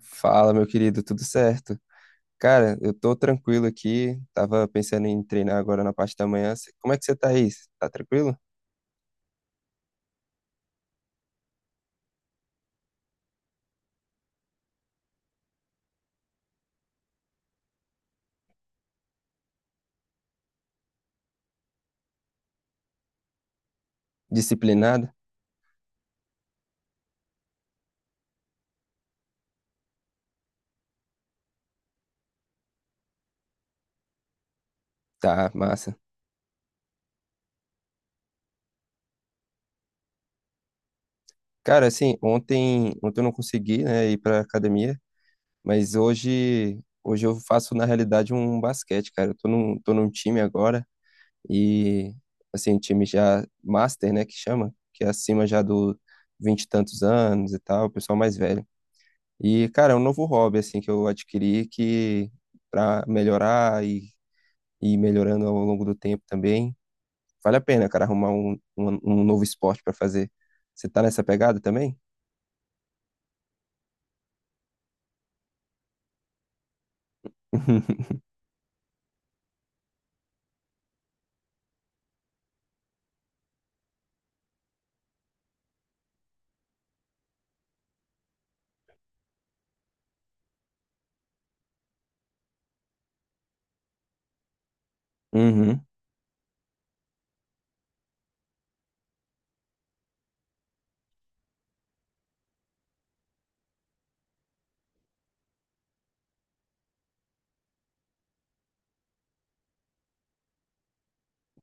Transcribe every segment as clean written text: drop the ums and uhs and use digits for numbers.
Fala, meu querido, tudo certo? Cara, eu tô tranquilo aqui. Tava pensando em treinar agora na parte da manhã. Como é que você tá aí? Cê tá tranquilo? Disciplinado? Tá, massa. Cara, assim, ontem eu não consegui, né, ir pra academia, mas hoje eu faço na realidade um basquete, cara. Eu tô tô num time agora e assim, um time já master, né, que chama, que é acima já do vinte e tantos anos e tal, o pessoal mais velho. E, cara, é um novo hobby, assim, que eu adquiri que pra melhorar e ir melhorando ao longo do tempo também. Vale a pena, cara, arrumar um novo esporte pra fazer. Você tá nessa pegada também? Uhum,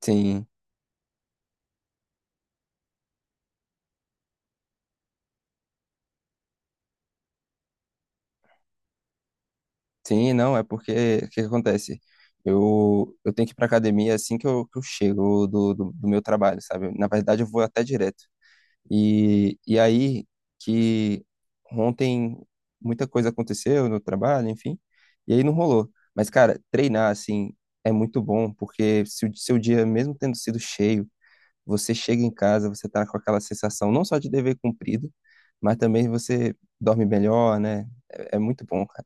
sim, sim, não, é porque o que que acontece? Eu tenho que ir pra academia assim que que eu chego do meu trabalho, sabe? Na verdade, eu vou até direto. E aí que ontem muita coisa aconteceu no trabalho, enfim, e aí não rolou. Mas, cara, treinar, assim, é muito bom, porque se o seu dia, mesmo tendo sido cheio, você chega em casa, você tá com aquela sensação não só de dever cumprido, mas também você dorme melhor, né? É, é muito bom, cara.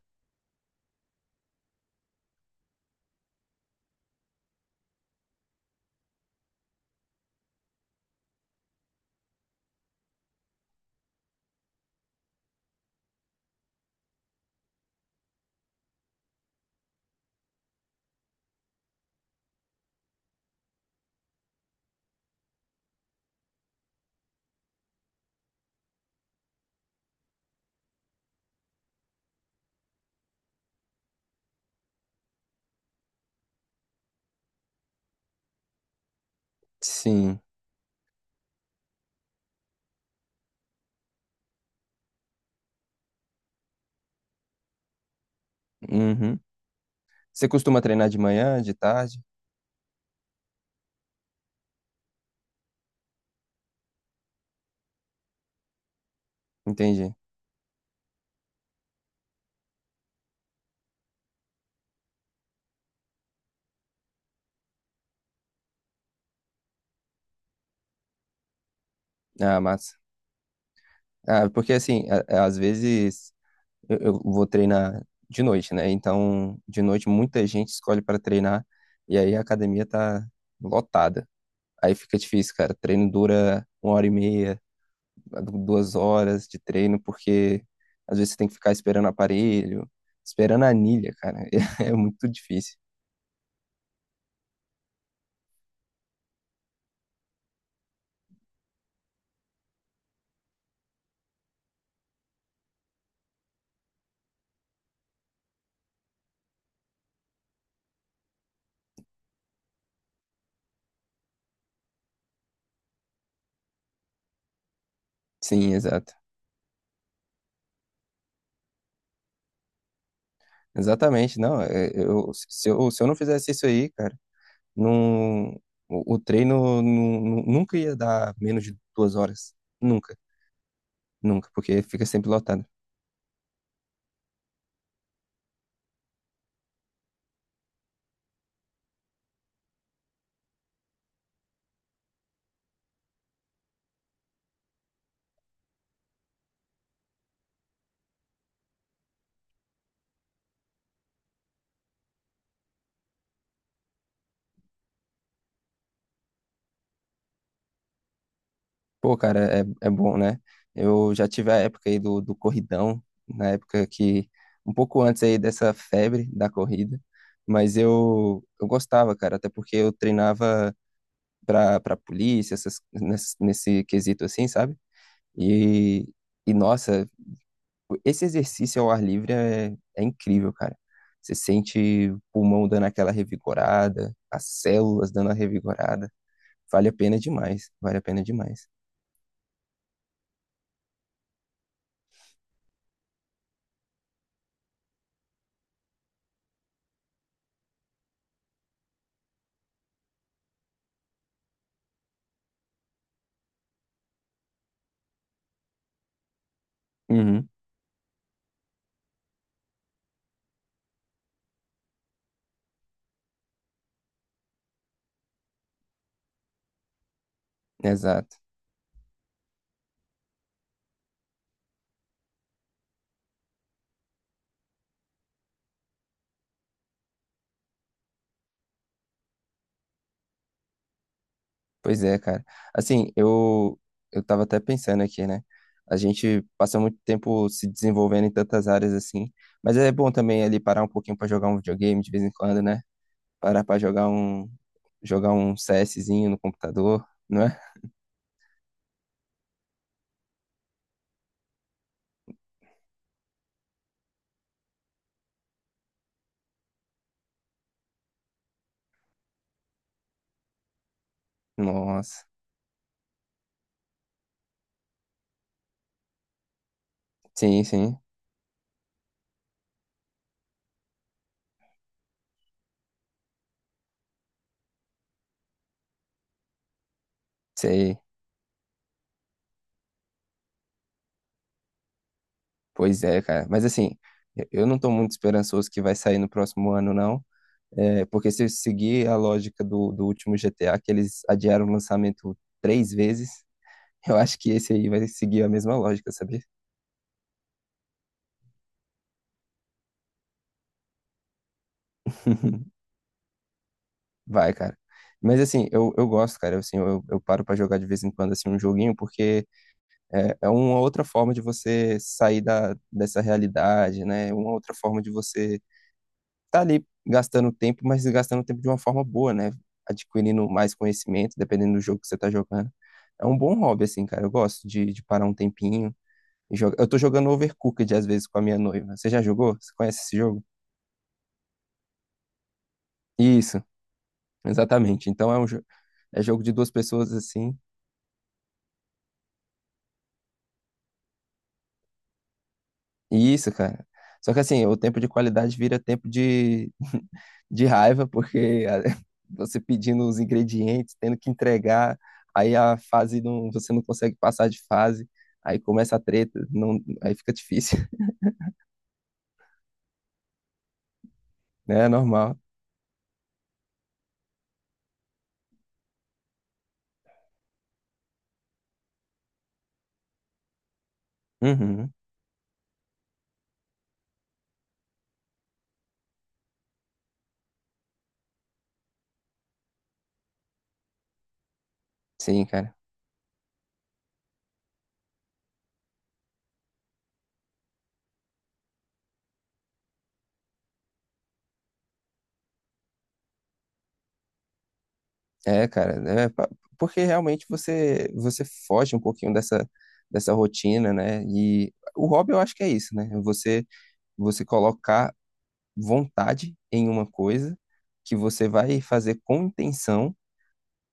Sim. Uhum. Você costuma treinar de manhã, de tarde? Entendi. Ah, massa. Ah, porque assim, às vezes eu vou treinar de noite, né? Então, de noite muita gente escolhe para treinar e aí a academia tá lotada. Aí fica difícil, cara. Treino dura uma hora e meia, duas horas de treino, porque às vezes você tem que ficar esperando aparelho, esperando a anilha, cara. É muito difícil. Sim, exato. Exatamente. Não, é, eu, se eu não fizesse isso aí, cara, não, o treino nunca ia dar menos de duas horas. Nunca. Nunca, porque fica sempre lotado. Pô, cara, é, é bom, né? Eu já tive a época aí do corridão, na época que, um pouco antes aí dessa febre da corrida, mas eu gostava, cara, até porque eu treinava pra polícia, essas, nesse quesito assim, sabe? E, e, nossa, esse exercício ao ar livre é, é incrível, cara. Você sente o pulmão dando aquela revigorada, as células dando a revigorada. Vale a pena demais, vale a pena demais. Uhum, exato. Pois é, cara. Assim, eu tava até pensando aqui, né? A gente passa muito tempo se desenvolvendo em tantas áreas assim, mas é bom também ali parar um pouquinho pra jogar um videogame de vez em quando, né? Parar pra jogar um CSzinho no computador, não é? Nossa. Sim, sim. Sei. Pois é, cara. Mas assim, eu não tô muito esperançoso que vai sair no próximo ano, não. É, porque se eu seguir a lógica do último GTA, que eles adiaram o lançamento três vezes, eu acho que esse aí vai seguir a mesma lógica, sabia? Vai, cara. Mas assim, eu gosto, cara. Assim, eu paro pra jogar de vez em quando assim, um joguinho, porque é, é uma outra forma de você sair da, dessa realidade, né? Uma outra forma de você tá ali gastando tempo, mas gastando tempo de uma forma boa, né? Adquirindo mais conhecimento, dependendo do jogo que você tá jogando. É um bom hobby, assim, cara. Eu gosto de parar um tempinho e eu tô jogando Overcooked às vezes com a minha noiva. Você já jogou? Você conhece esse jogo? Isso, exatamente. Então é jogo de duas pessoas assim. E isso, cara. Só que assim, o tempo de qualidade vira tempo de, de raiva, porque você pedindo os ingredientes, tendo que entregar, aí a fase não, você não consegue passar de fase, aí começa a treta, não, aí fica difícil, né? É normal. Uhum. Sim, cara. É, cara, né? Porque realmente você foge um pouquinho dessa dessa rotina, né? E o hobby eu acho que é isso, né? Você colocar vontade em uma coisa que você vai fazer com intenção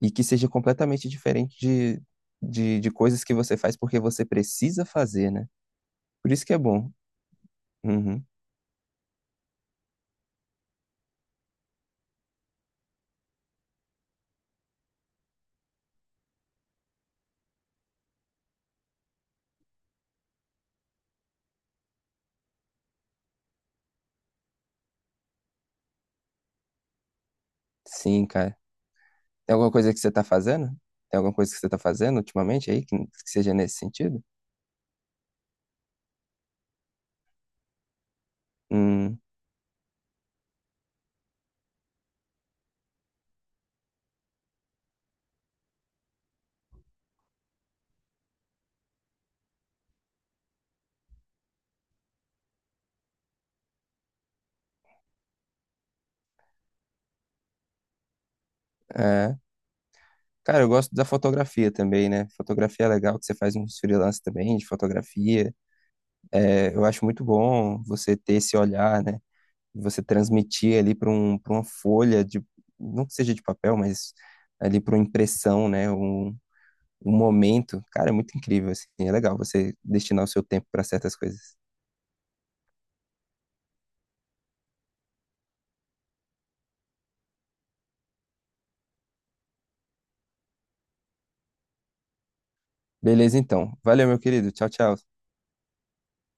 e que seja completamente diferente de coisas que você faz porque você precisa fazer, né? Por isso que é bom. Uhum. Sim, cara. Tem alguma coisa que você tá fazendo? Tem alguma coisa que você tá fazendo ultimamente aí que seja nesse sentido? Hum, é. Cara, eu gosto da fotografia também, né? Fotografia é legal, que você faz uns freelance também de fotografia. É, eu acho muito bom você ter esse olhar, né? Você transmitir ali para um, para uma folha de, não que seja de papel, mas ali para uma impressão, né? Um momento. Cara, é muito incrível, assim. É legal você destinar o seu tempo para certas coisas. Beleza, então. Valeu, meu querido. Tchau, tchau.